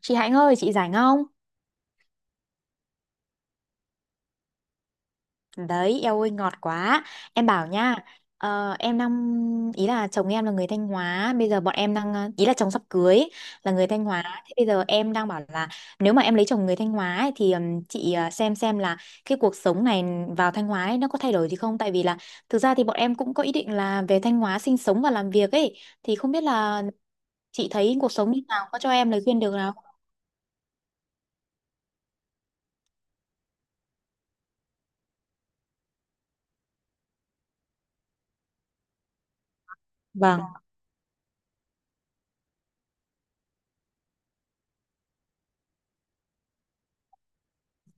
Chị Hạnh ơi, chị rảnh không? Đấy, eo ơi ngọt quá. Em bảo nha, em đang ý là chồng em là người Thanh Hóa, bây giờ bọn em đang ý là chồng sắp cưới là người Thanh Hóa. Thế bây giờ em đang bảo là nếu mà em lấy chồng người Thanh Hóa ấy, thì chị xem là cái cuộc sống này vào Thanh Hóa ấy, nó có thay đổi gì không? Tại vì là thực ra thì bọn em cũng có ý định là về Thanh Hóa sinh sống và làm việc ấy, thì không biết là chị thấy cuộc sống như nào, có cho em lời khuyên được nào? Vâng.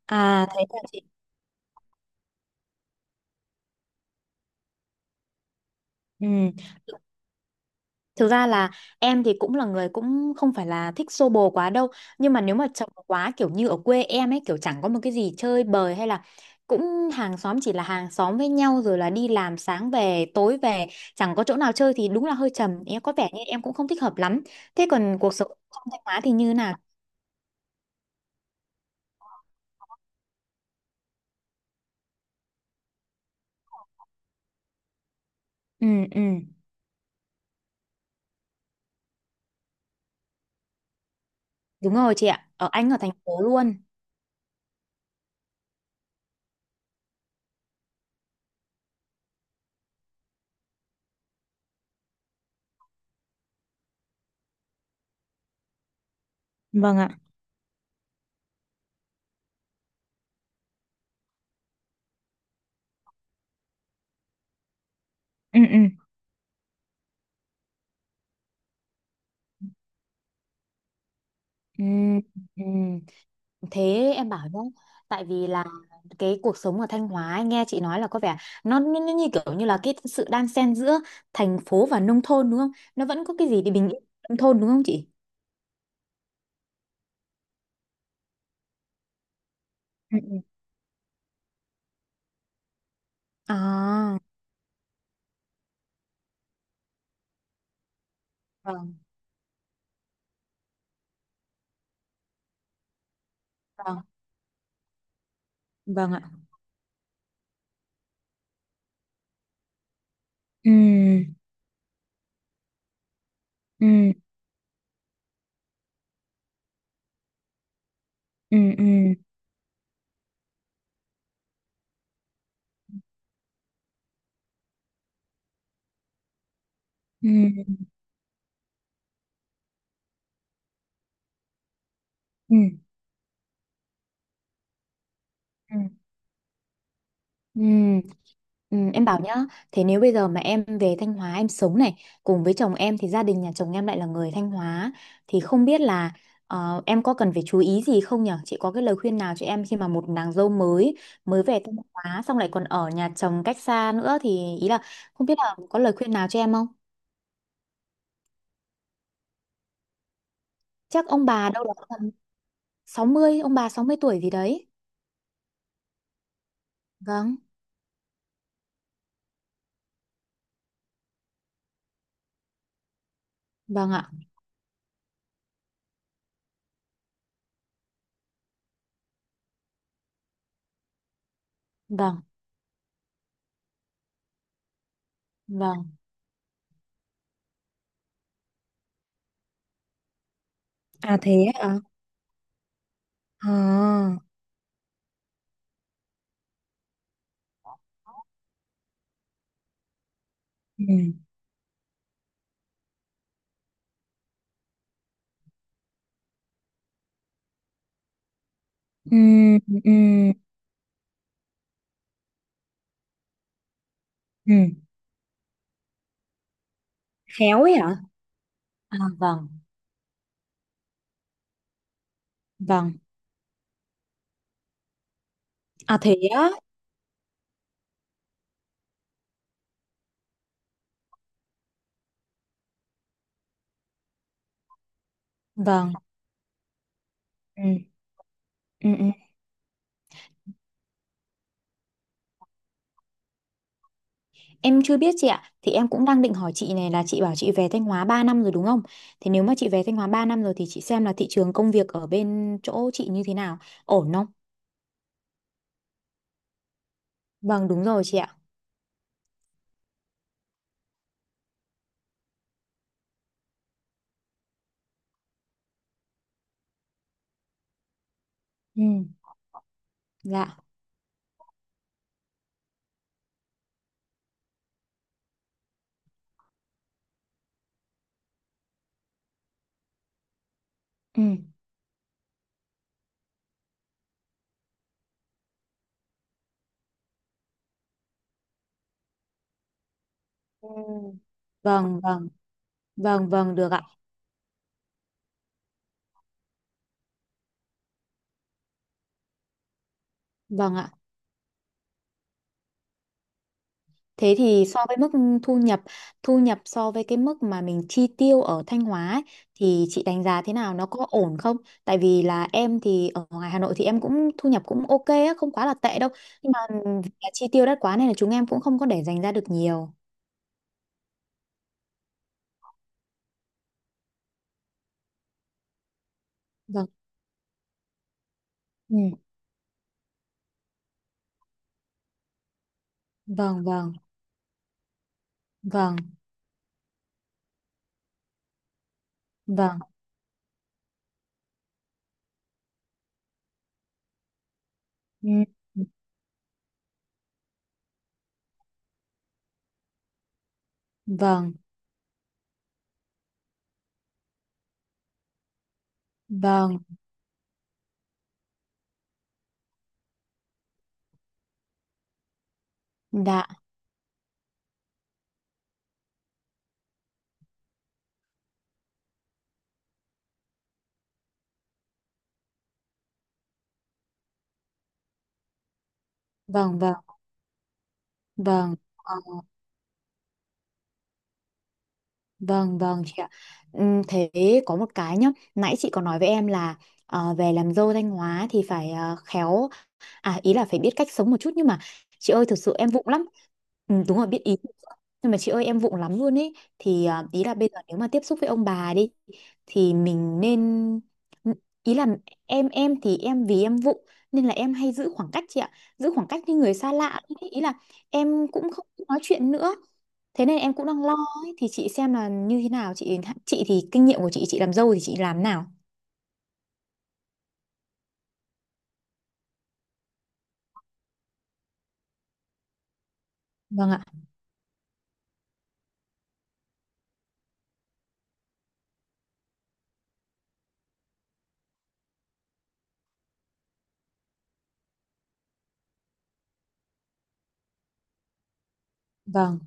À thế là chị. Ừ. Thực ra là em thì cũng là người cũng không phải là thích xô bồ quá đâu. Nhưng mà nếu mà chồng quá kiểu như ở quê em ấy, kiểu chẳng có một cái gì chơi bời hay là cũng hàng xóm chỉ là hàng xóm với nhau, rồi là đi làm sáng về tối về, chẳng có chỗ nào chơi thì đúng là hơi trầm. Em có vẻ như em cũng không thích hợp lắm. Thế còn cuộc sống không Thanh Hóa thì như thế nào? Ừ, ừ, đúng rồi chị ạ. Ở anh ở thành phố luôn. Vâng ạ. Ừ, ừ. Ừ, ừ. Thế em bảo nhá, tại vì là cái cuộc sống ở Thanh Hóa anh nghe chị nói là có vẻ nó như kiểu như là cái sự đan xen giữa thành phố và nông thôn đúng không? Nó vẫn có cái gì để bình yên nông thôn đúng không chị? Ừ, ừ. À, vâng, vâng, vâng ạ. Ừ, ừ, ừ, ừ, ừ, ừ, ừ. Ừ. Ừ, em bảo nhá, thế nếu bây giờ mà em về Thanh Hóa em sống này cùng với chồng em thì gia đình nhà chồng em lại là người Thanh Hóa thì không biết là em có cần phải chú ý gì không nhở? Chị có cái lời khuyên nào cho em khi mà một nàng dâu mới mới về Thanh Hóa xong lại còn ở nhà chồng cách xa nữa thì ý là không biết là có lời khuyên nào cho em không? Chắc ông bà đâu đó tầm 60, ông bà 60 tuổi gì đấy. Vâng, vâng ạ. Vâng, vâng. À thế ạ. À. Ừ. Ừ, ừ, ừ. Khéo ấy hả? À vâng, vâng. À thế á, vâng. Ừ, ừ, ừ. Em chưa biết chị ạ. Thì em cũng đang định hỏi chị này là chị bảo chị về Thanh Hóa 3 năm rồi đúng không? Thì nếu mà chị về Thanh Hóa 3 năm rồi thì chị xem là thị trường công việc ở bên chỗ chị như thế nào, ổn không? Vâng, đúng rồi chị ạ. Ừ, dạ. Ừ. Ừ. Vâng, vâng, vâng, vâng được ạ. Vâng ạ. Thế thì so với mức thu nhập, thu nhập so với cái mức mà mình chi tiêu ở Thanh Hóa ấy, thì chị đánh giá thế nào, nó có ổn không? Tại vì là em thì ở ngoài Hà Nội thì em cũng thu nhập cũng ok á, không quá là tệ đâu. Nhưng mà vì là chi tiêu đắt quá nên là chúng em cũng không có để dành ra được nhiều. Vâng. Ừ. Vâng, vâng, vâng, vâng, ừ. Vâng, vâng, vâng, dạ, vâng, vâng, vâng. Vâng, vâng chị ạ. Thế có một cái nhá, nãy chị có nói với em là về làm dâu Thanh Hóa thì phải khéo. À ý là phải biết cách sống một chút nhưng mà chị ơi thực sự em vụng lắm. Ừ, đúng rồi biết ý. Nhưng mà chị ơi em vụng lắm luôn ấy, thì ý là bây giờ nếu mà tiếp xúc với ông bà đi thì mình nên ừ, ý là em thì em vì em vụng nên là em hay giữ khoảng cách chị ạ. Giữ khoảng cách với người xa lạ ý, ý là em cũng không nói chuyện nữa. Thế nên em cũng đang lo ấy. Thì chị xem là như thế nào chị thì kinh nghiệm của chị làm dâu thì chị làm nào? Vâng ạ. Vâng.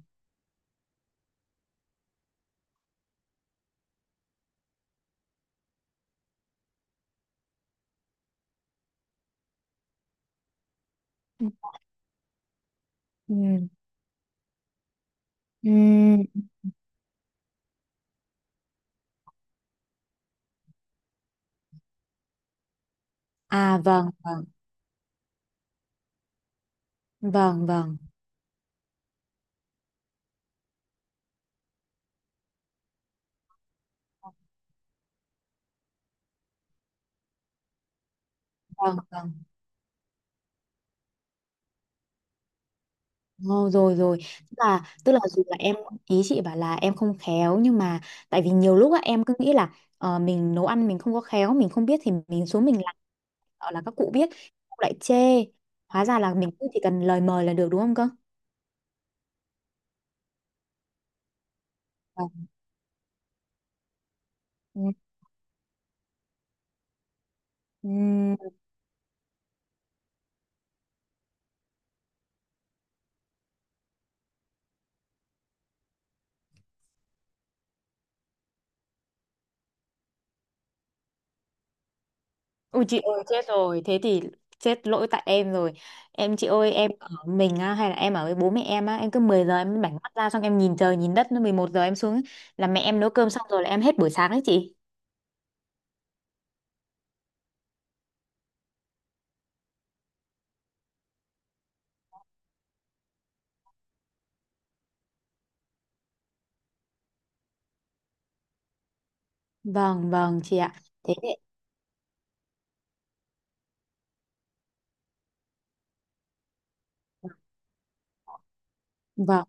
Ừ. Ừ. Ừ. À vâng. Vâng. Vâng, vâng, vâng, vâng. Ngô rồi rồi. Tức là tức là dù là em, ý chị bảo là em không khéo nhưng mà tại vì nhiều lúc á em cứ nghĩ là mình nấu ăn mình không có khéo, mình không biết thì mình xuống mình làm, gọi là các cụ biết cũng lại chê. Hóa ra là mình cứ chỉ cần lời mời là được đúng không cơ? Vâng. Ừ. Ui chị ơi chết rồi, thế thì chết lỗi tại em rồi. Em chị ơi em ở mình á, hay là em ở với bố mẹ em á, em cứ 10 giờ em bảnh mắt ra xong em nhìn trời nhìn đất nó 11 giờ em xuống ấy, là mẹ em nấu cơm xong rồi là em hết buổi sáng đấy chị. Vâng, vâng chị ạ. Thế thì vâng,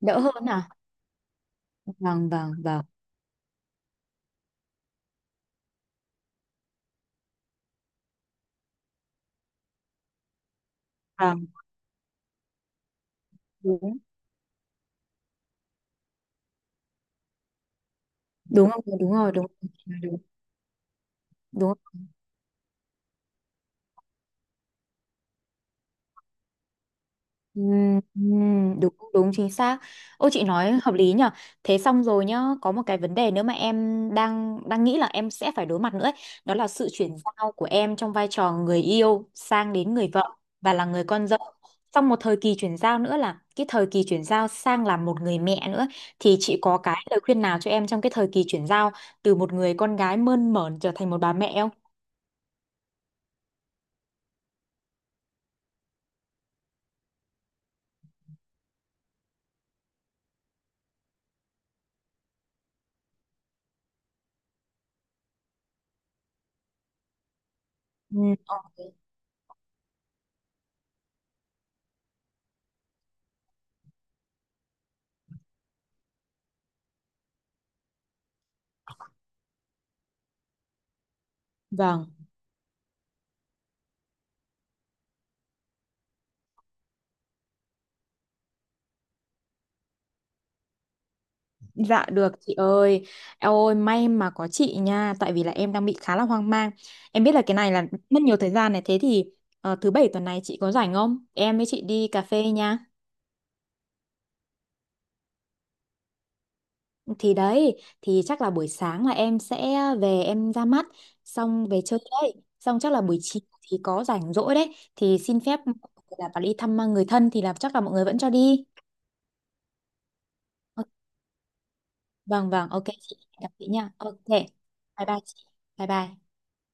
đỡ hơn à? Vâng, vâng, vâng. Vâng đúng, đúng không đúng rồi đúng, đúng, đúng. Đúng đúng chính xác. Ô chị nói hợp lý nhở. Thế xong rồi nhá, có một cái vấn đề nữa mà em đang đang nghĩ là em sẽ phải đối mặt nữa ấy. Đó là sự chuyển giao của em trong vai trò người yêu sang đến người vợ và là người con dâu. Xong một thời kỳ chuyển giao nữa là cái thời kỳ chuyển giao sang làm một người mẹ nữa thì chị có cái lời khuyên nào cho em trong cái thời kỳ chuyển giao từ một người con gái mơn mởn trở thành một bà mẹ không? Ừ. Ok. Vâng. Dạ được chị ơi. Eo ơi may mà có chị nha, tại vì là em đang bị khá là hoang mang. Em biết là cái này là mất nhiều thời gian này, thế thì thứ bảy tuần này chị có rảnh không? Em với chị đi cà phê nha. Thì đấy, thì chắc là buổi sáng là em sẽ về em ra mắt, xong về chơi đấy. Xong chắc là buổi chiều thì có rảnh rỗi đấy, thì xin phép là vào đi thăm người thân thì là chắc là mọi người vẫn cho đi. Ờ, vâng vâng, ok chị, hẹn gặp chị nha. Ok. Bye bye chị. Bye bye.